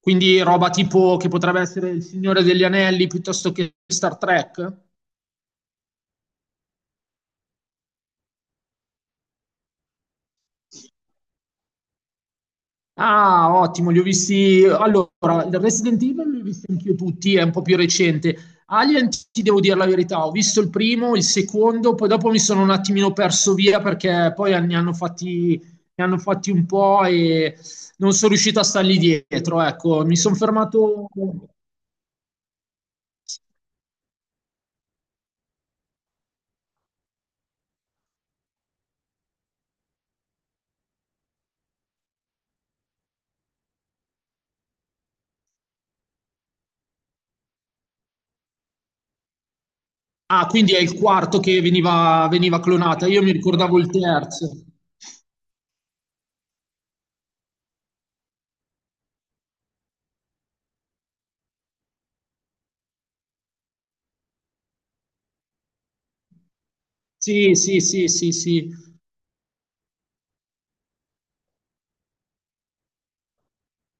Quindi roba tipo che potrebbe essere Il Signore degli Anelli piuttosto che Star Trek? Ah, ottimo, li ho visti. Allora, il Resident Evil li ho visti anch'io tutti, è un po' più recente. Alien, ti devo dire la verità, ho visto il primo, il secondo, poi dopo mi sono un attimino perso via perché poi ne hanno fatti un po' e non sono riuscito a stargli dietro. Ecco, mi sono fermato. Ah, quindi è il quarto che veniva clonata. Io mi ricordavo il terzo. Sì, sì, sì, sì, sì,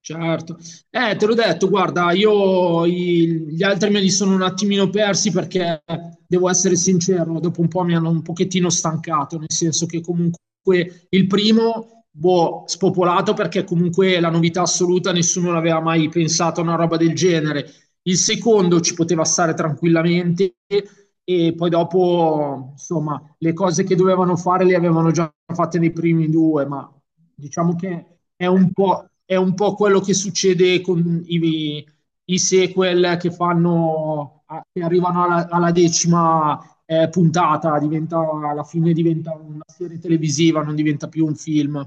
certo. Te l'ho detto, guarda, gli altri me li sono un attimino persi perché, devo essere sincero, dopo un po' mi hanno un pochettino stancato, nel senso che comunque il primo, boh, spopolato perché comunque la novità assoluta, nessuno l'aveva mai pensato a una roba del genere. Il secondo ci poteva stare tranquillamente e poi dopo, insomma, le cose che dovevano fare le avevano già fatte nei primi due, ma diciamo che è un po' quello che succede con i sequel che fanno, che arrivano alla decima puntata, diventa, alla fine diventa una serie televisiva, non diventa più un film.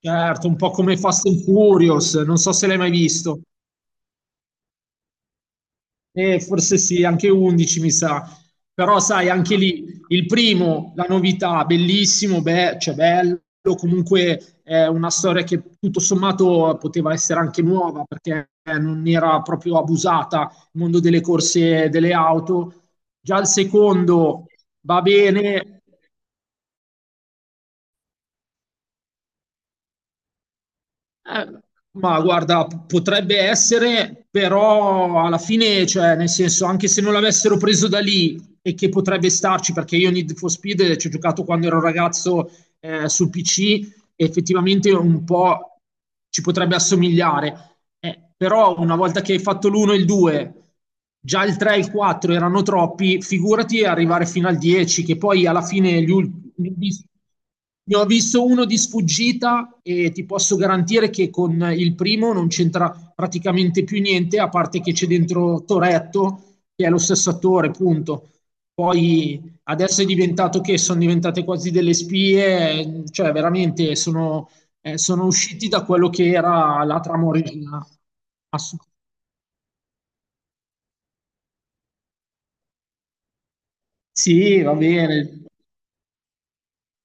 Certo, un po' come Fast and Furious, non so se l'hai mai visto. Forse sì, anche 11 mi sa. Però sai, anche lì il primo, la novità, bellissimo, beh, cioè bello, comunque è una storia che tutto sommato poteva essere anche nuova perché non era proprio abusata il mondo delle corse e delle auto. Già il secondo va bene. Eh, ma guarda, potrebbe essere, però alla fine, cioè, nel senso, anche se non l'avessero preso da lì e che potrebbe starci, perché io Need for Speed ci ho giocato quando ero ragazzo sul PC, e effettivamente un po' ci potrebbe assomigliare. Però una volta che hai fatto l'1 e il 2, già il 3 e il 4 erano troppi, figurati arrivare fino al 10, che poi alla fine gli ul- ne ho vis- ne ho visto uno di sfuggita e ti posso garantire che con il primo non c'entra praticamente più niente, a parte che c'è dentro Toretto, che è lo stesso attore, punto. Poi adesso è diventato che sono diventate quasi delle spie, cioè veramente sono, sono usciti da quello che era la trama originale. Assu- sì, va bene.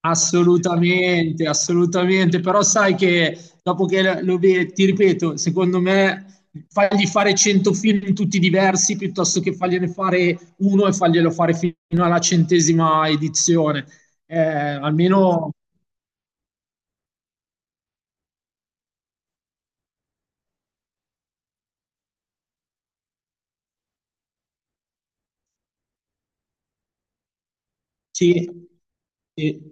Assolutamente, assolutamente, però sai che dopo che lo vedi, ti ripeto, secondo me fagli fare 100 film tutti diversi piuttosto che fargliene fare uno e farglielo fare fino alla centesima edizione. Almeno sì, sì.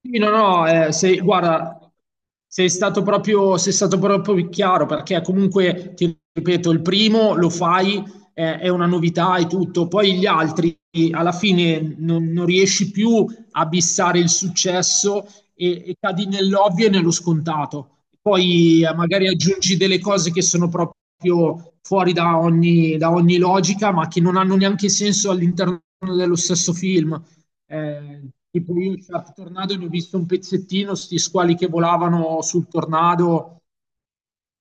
Sì, no, no, sei, guarda, sei stato proprio chiaro perché comunque, ti ripeto, il primo lo fai, è una novità e tutto, poi gli altri alla fine non riesci più a bissare il successo e cadi nell'ovvio e nello scontato. Poi magari aggiungi delle cose che sono proprio fuori da ogni logica, ma che non hanno neanche senso all'interno dello stesso film. Tipo io Shark Tornado ne ho visto un pezzettino, sti squali che volavano sul tornado.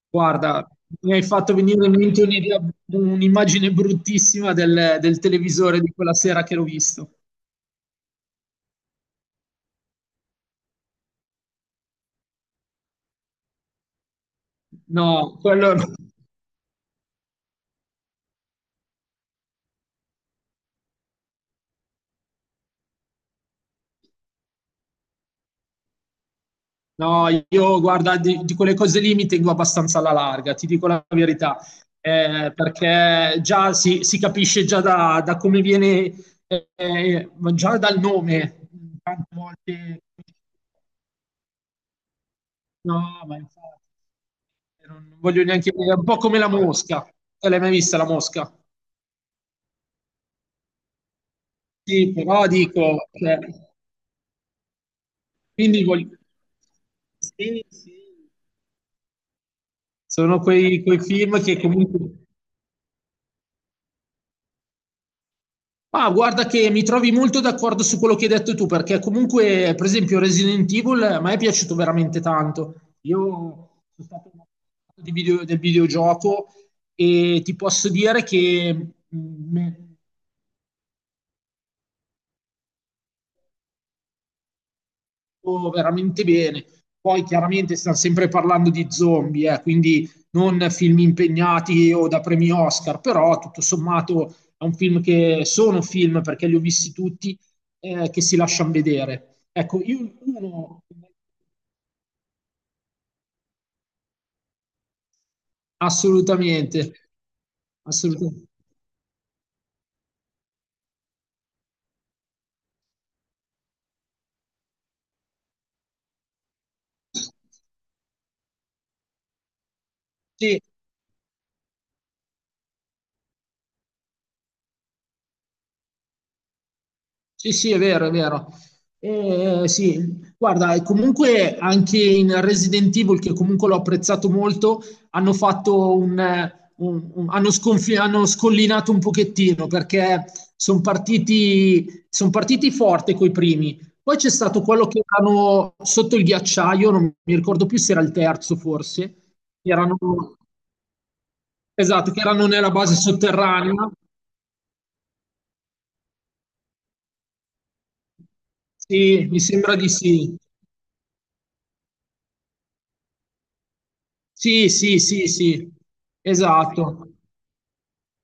Guarda, mi hai fatto venire in mente un'immagine bruttissima del televisore di quella sera che l'ho visto. No, quello no. No, io guarda, di quelle cose lì mi tengo abbastanza alla larga, ti dico la verità. Perché già si capisce già da come viene, già dal nome, tante volte no. Ma infatti, non voglio neanche dire, è un po' come la mosca. Te l'hai mai vista la mosca? Sì, però dico, cioè, quindi voglio... Sì, sì. Sono quei film che comunque... Ah, guarda che mi trovi molto d'accordo su quello che hai detto tu, perché comunque, per esempio, Resident Evil a me è piaciuto veramente tanto. Io sono stato un appassionato del videogioco e ti posso dire che veramente bene. Poi chiaramente sta sempre parlando di zombie, quindi non film impegnati o da premi Oscar, però tutto sommato è un film che sono film perché li ho visti tutti che si lasciano vedere. Ecco, io uno assolutamente, assolutamente. Sì, sì, sì, è vero, è vero. Sì, guarda, e comunque anche in Resident Evil, che comunque l'ho apprezzato molto, hanno fatto un, hanno scollinato un pochettino perché sono partiti, son partiti forte coi primi. Poi c'è stato quello che erano sotto il ghiacciaio, non mi ricordo più se era il terzo forse, che erano, esatto, che erano nella base sotterranea. Sì, mi sembra di sì. Sì, sì, sì, sì, esatto.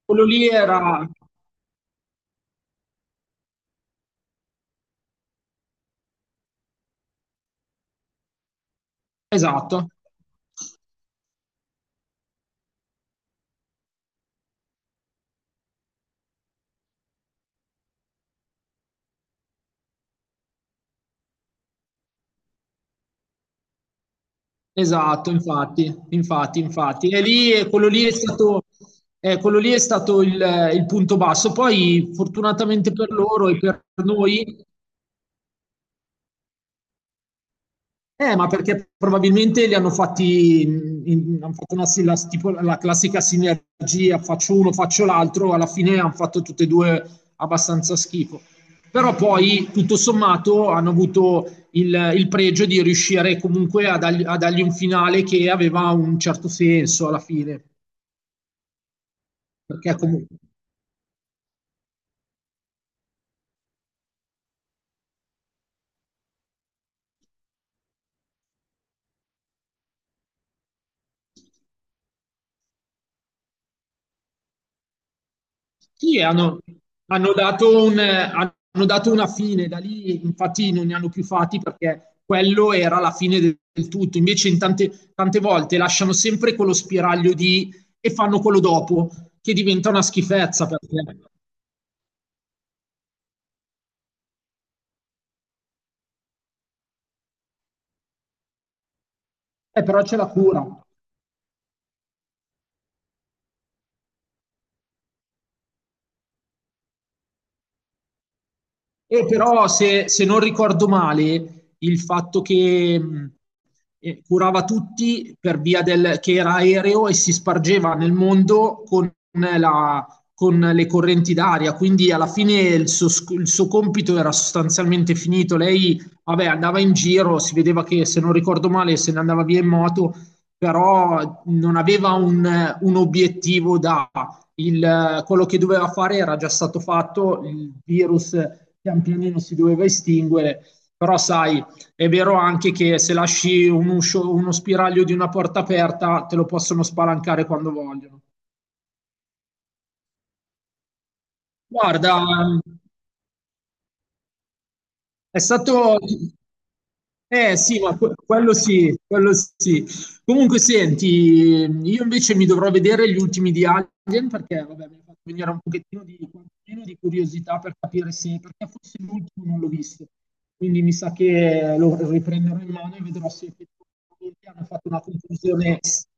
Quello lì era esatto, esatto, infatti, infatti, infatti. E lì quello lì è stato il punto basso. Poi, fortunatamente per loro e per noi, ma perché probabilmente li hanno fatti, hanno fatto una, la, tipo la classica sinergia, faccio uno, faccio l'altro, alla fine hanno fatto tutte e due abbastanza schifo. Però poi, tutto sommato, hanno avuto il pregio di riuscire comunque a dargli un finale che aveva un certo senso alla fine, perché comunque sì, hanno dato una fine, da lì infatti non ne hanno più fatti perché quello era la fine del tutto. Invece in tante volte lasciano sempre quello spiraglio di e fanno quello dopo, che diventa una schifezza perché però c'è la cura. E però, se non ricordo male, il fatto che curava tutti per via del che era aereo e si spargeva nel mondo con, la- con le correnti d'aria. Quindi, alla fine, il suo compito era sostanzialmente finito. Lei, vabbè, andava in giro, si vedeva che, se non ricordo male, se ne andava via in moto, però non aveva un obiettivo da quello che doveva fare era già stato fatto, il virus pian pianino si doveva estinguere, però sai, è vero anche che se lasci uno spiraglio di una porta aperta, te lo possono spalancare quando vogliono. Guarda, è stato eh sì, ma quello sì, quello sì. Comunque senti, io invece mi dovrò vedere gli ultimi di Alien perché vabbè, mi ha fatto venire un pochettino di, quantomeno di curiosità per capire se, perché forse l'ultimo non l'ho visto. Quindi mi sa che lo riprenderò in mano e vedrò se effettivamente hanno fatto una conclusione.